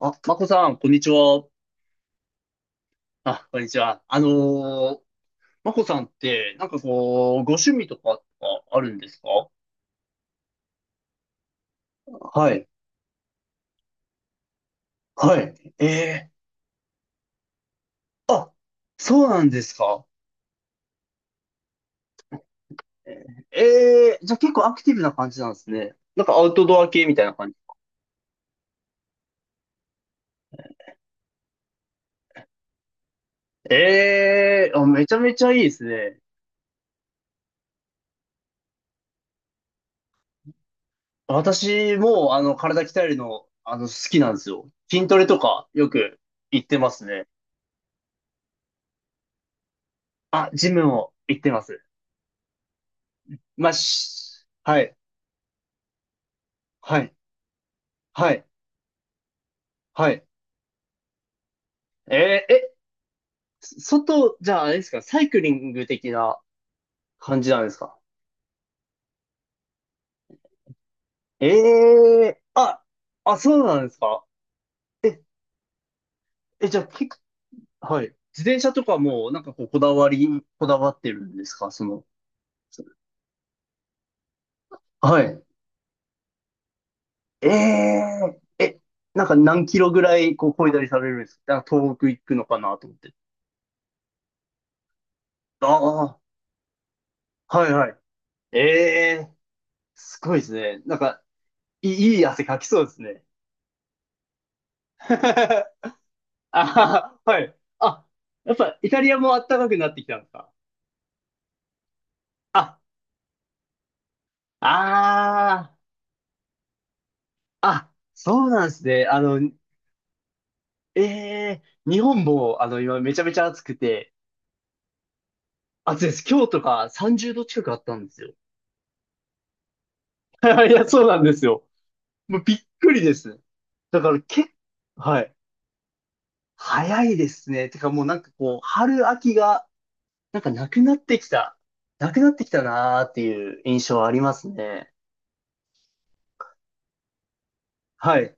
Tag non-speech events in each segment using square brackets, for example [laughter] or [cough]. あ、まこさん、こんにちは。あ、こんにちは。ー、まこさんって、なんかこう、ご趣味とかあるんですか？はい。はい。ええ。あ、そうなんですか。ええ、じゃあ結構アクティブな感じなんですね。なんかアウトドア系みたいな感じ。ええ、あ、めちゃめちゃいいですね。私も、体鍛えるの、好きなんですよ。筋トレとか、よく行ってますね。あ、ジムも行ってます。まあ、しはい。はい。はい。はい。えー、え、外、じゃああれですか、サイクリング的な感じなんですか？ええー、あ、あ、そうなんですか？え、え、じゃあ結構、はい。自転車とかも、なんかこう、こだわり、こだわってるんですか、その、そはい。ええー、え、なんか何キロぐらい、こう、こいだりされるんですか？なんか東北行くのかなと思って。ああ、はいはい。ええー、すごいですね。なんか、いい汗かきそうですね。[laughs] あー、はい。あ、やっぱイタリアも暖かくなってきたんですか？あ、ああ、あ、そうなんですね。あの、ええー、日本も、あの、今めちゃめちゃ暑くて、暑いです。今日とか30度近くあったんですよ。[laughs] いや、そうなんですよ。もうびっくりです。だからけ、はい。早いですね。てかもうなんかこう、春秋が、なんかなくなってきた、なくなってきたなーっていう印象ありますね。はい。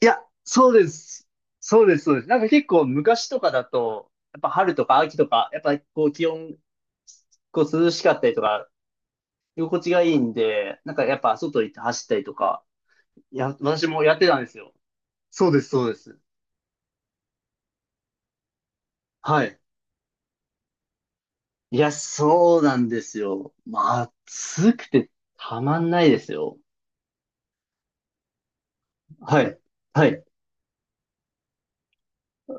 いや、そうです。そうです。なんか結構昔とかだと、やっぱ春とか秋とか、やっぱこう気温、こう涼しかったりとか、居心地がいいんで、なんかやっぱ外行って走ったりとか、いや、私もやってたんですよ。そうです。はい。いや、そうなんですよ。まあ、暑くてたまんないですよ。はい。はい。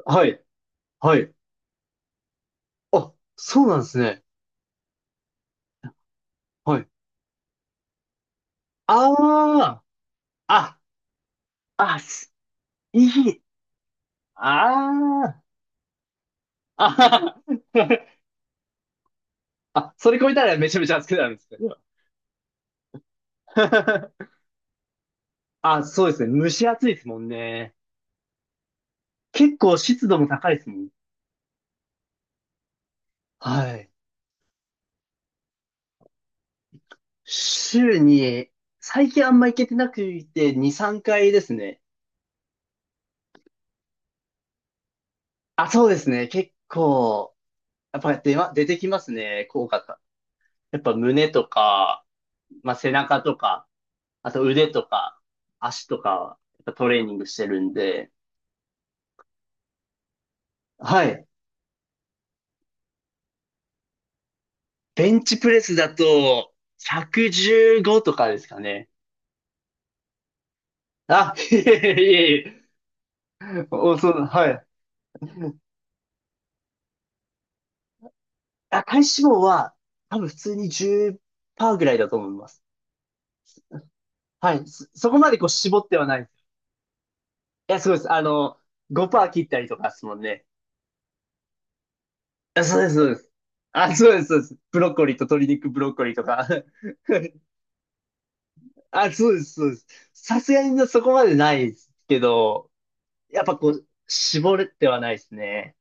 はい。はい。あ、そうなんですね。はい。ああ、あ、あ、すいい。ああ、あはは、あ、それ超えたらめちゃめちゃ暑くなるんですね。[laughs] あ、そうですね。蒸し暑いですもんね。結構湿度も高いですもん。はい。週に、最近あんま行けてなくて、2、3回ですね。あ、そうですね。結構、やっぱ出ま、出てきますね。効果が。やっぱ胸とか、まあ、背中とか、あと腕とか、足とか、やっぱトレーニングしてるんで。はい。ベンチプレスだと、115とかですかね。あ、[laughs] いえ。お、そう、はい。あ、体脂肪は、多分普通に10%ぐらいだと思います。はい。そ、そこまでこう絞ってはない。いや、そうです。あの、5%切ったりとかですもんね。あ、そうです。あ、そうです。ブロッコリーと鶏肉ブロッコリーとか。[laughs] あ、そうです。さすがにそこまでないですけど、やっぱこう、絞れてはないですね。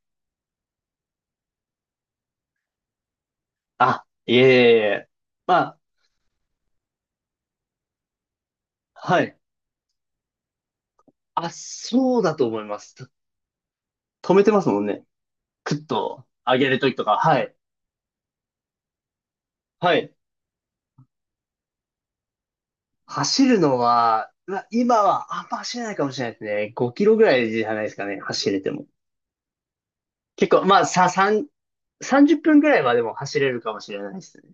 あ、いえ。まあ、はい。あ、そうだと思います。と止めてますもんね。クッと上げるときとか。はい。はい。走るのは、まあ、今はあんま走れないかもしれないですね。5キロぐらいじゃないですかね。走れても。結構、まあ、さ、3、30分ぐらいはでも走れるかもしれないですね。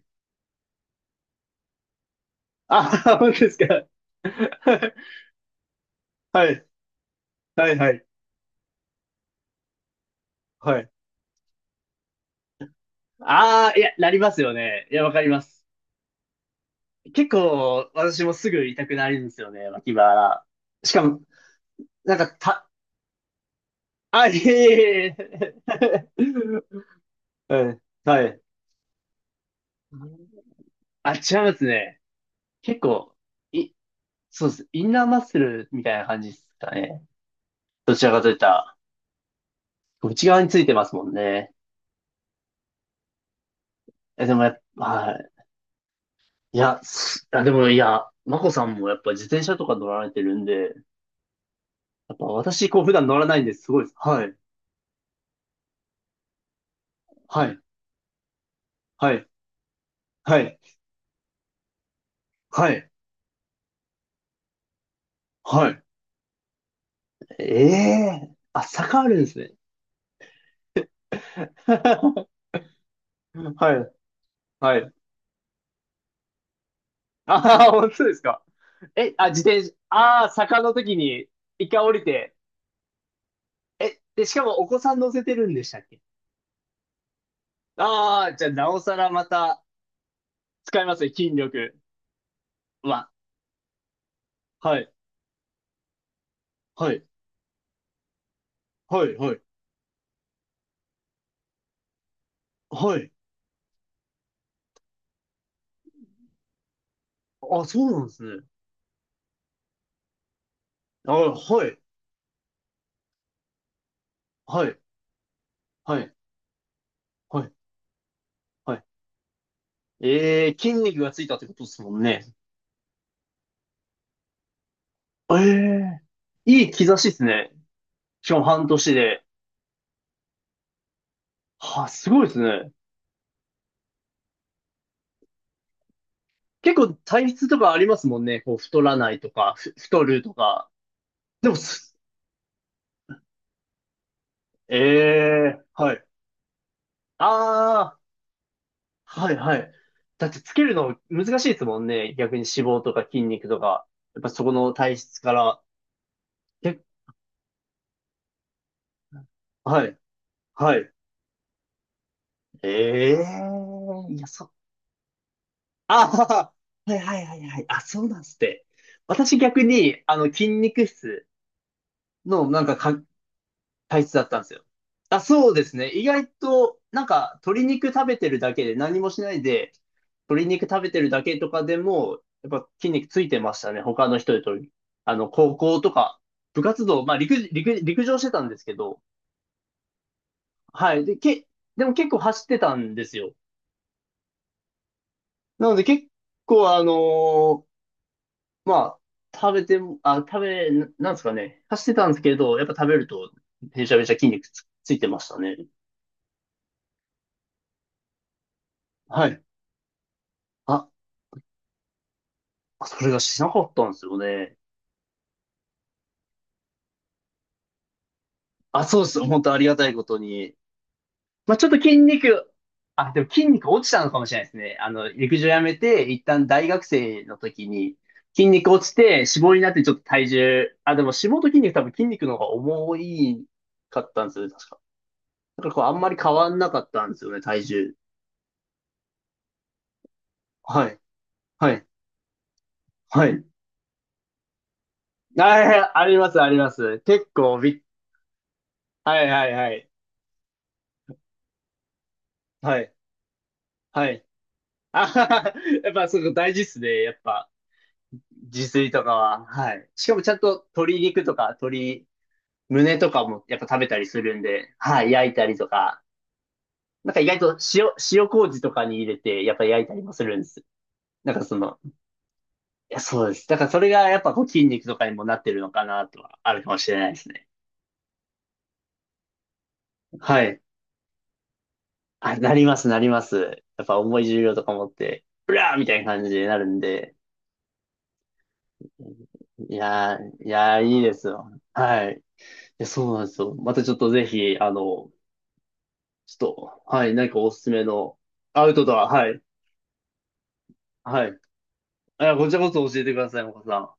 あ、[laughs] 本当ですか。[laughs] はい。はい。ああ、いや、なりますよね。いや、わかります。結構、私もすぐ痛くなるんですよね、脇腹。しかも、なんか、た、あ、いえ [laughs] うん、はい。あ、違いますね。結構、い、そうです。インナーマッスルみたいな感じですかね。どちらかといったら、内側についてますもんね。え、でもやっぱ、はい。いや、すあ、でもいや、マコさんもやっぱ自転車とか乗られてるんで、やっぱ私、こう、普段乗らないんです。ごいです。はい。はい。はい。はい。はい。はい。ええー、あ、坂あるんですね。[laughs] はい、はい。ああ、本当ですか。え、あ、自転車、ああ、坂の時に一回降りて、え、で、しかもお子さん乗せてるんでしたっけ？ああー、じゃあ、なおさらまた使いますね、筋力は。はい、はい、はい、はい、はい。あ、そうなんですね。あ、はい、はい、はい、はい。ええー、筋肉がついたってことですもんね。ええー、いい兆しですね。しかも半年で。は、すごいですね。結構体質とかありますもんね。こう、太らないとか、ふ太るとか。でもす、ええ、はい。ああ、はい。だってつけるの難しいですもんね。逆に脂肪とか筋肉とか。やっぱそこの体質から。え、はい、はい。ええ、いや、そ、あはは、はい。あ、そうなんすって。私逆に、筋肉質の、なんか、か、体質だったんですよ。あ、そうですね。意外と、なんか、鶏肉食べてるだけで、何もしないで、鶏肉食べてるだけとかでも、やっぱ筋肉ついてましたね。他の人よりとり。あの、高校とか、部活動、まあ、陸上してたんですけど、はい。で、け、でも結構走ってたんですよ。なので結構、ーまあ、食べても、あ、食べ、ななんですかね。走ってたんですけど、やっぱ食べると、めちゃめちゃ筋肉つ、ついてましたね。はい。あ、あ、それがしなかったんですよね。あ、そうです。本当ありがたいことに。まあ、ちょっと筋肉、あ、でも筋肉落ちたのかもしれないですね。あの、陸上やめて、一旦大学生の時に、筋肉落ちて、脂肪になってちょっと体重、あ、でも脂肪と筋肉多分筋肉の方が重いかったんですよね、確か。だからこう、あんまり変わんなかったんですよね、体重。はい、はい、はい。あ、あります、あります。結構びっ、はい。はい、はい。あはは、やっぱそこ大事っすね、やっぱ。自炊とかは、はい。しかもちゃんと鶏肉とか鶏胸とかもやっぱ食べたりするんで、はい、焼いたりとか、なんか意外と塩、塩麹とかに入れて、やっぱ焼いたりもするんです。なんかその、いや、そうです。だからそれがやっぱこう筋肉とかにもなってるのかなとはあるかもしれないですね。はい。あ、なります。やっぱ重い重量とか持って、うらーみたいな感じになるんで。いいですよ。はい。いや、そうなんですよ。またちょっとぜひ、あの、ちょっと、はい、何かおすすめのアウトドア、はい。あ、こちらこそ教えてください、岡さん。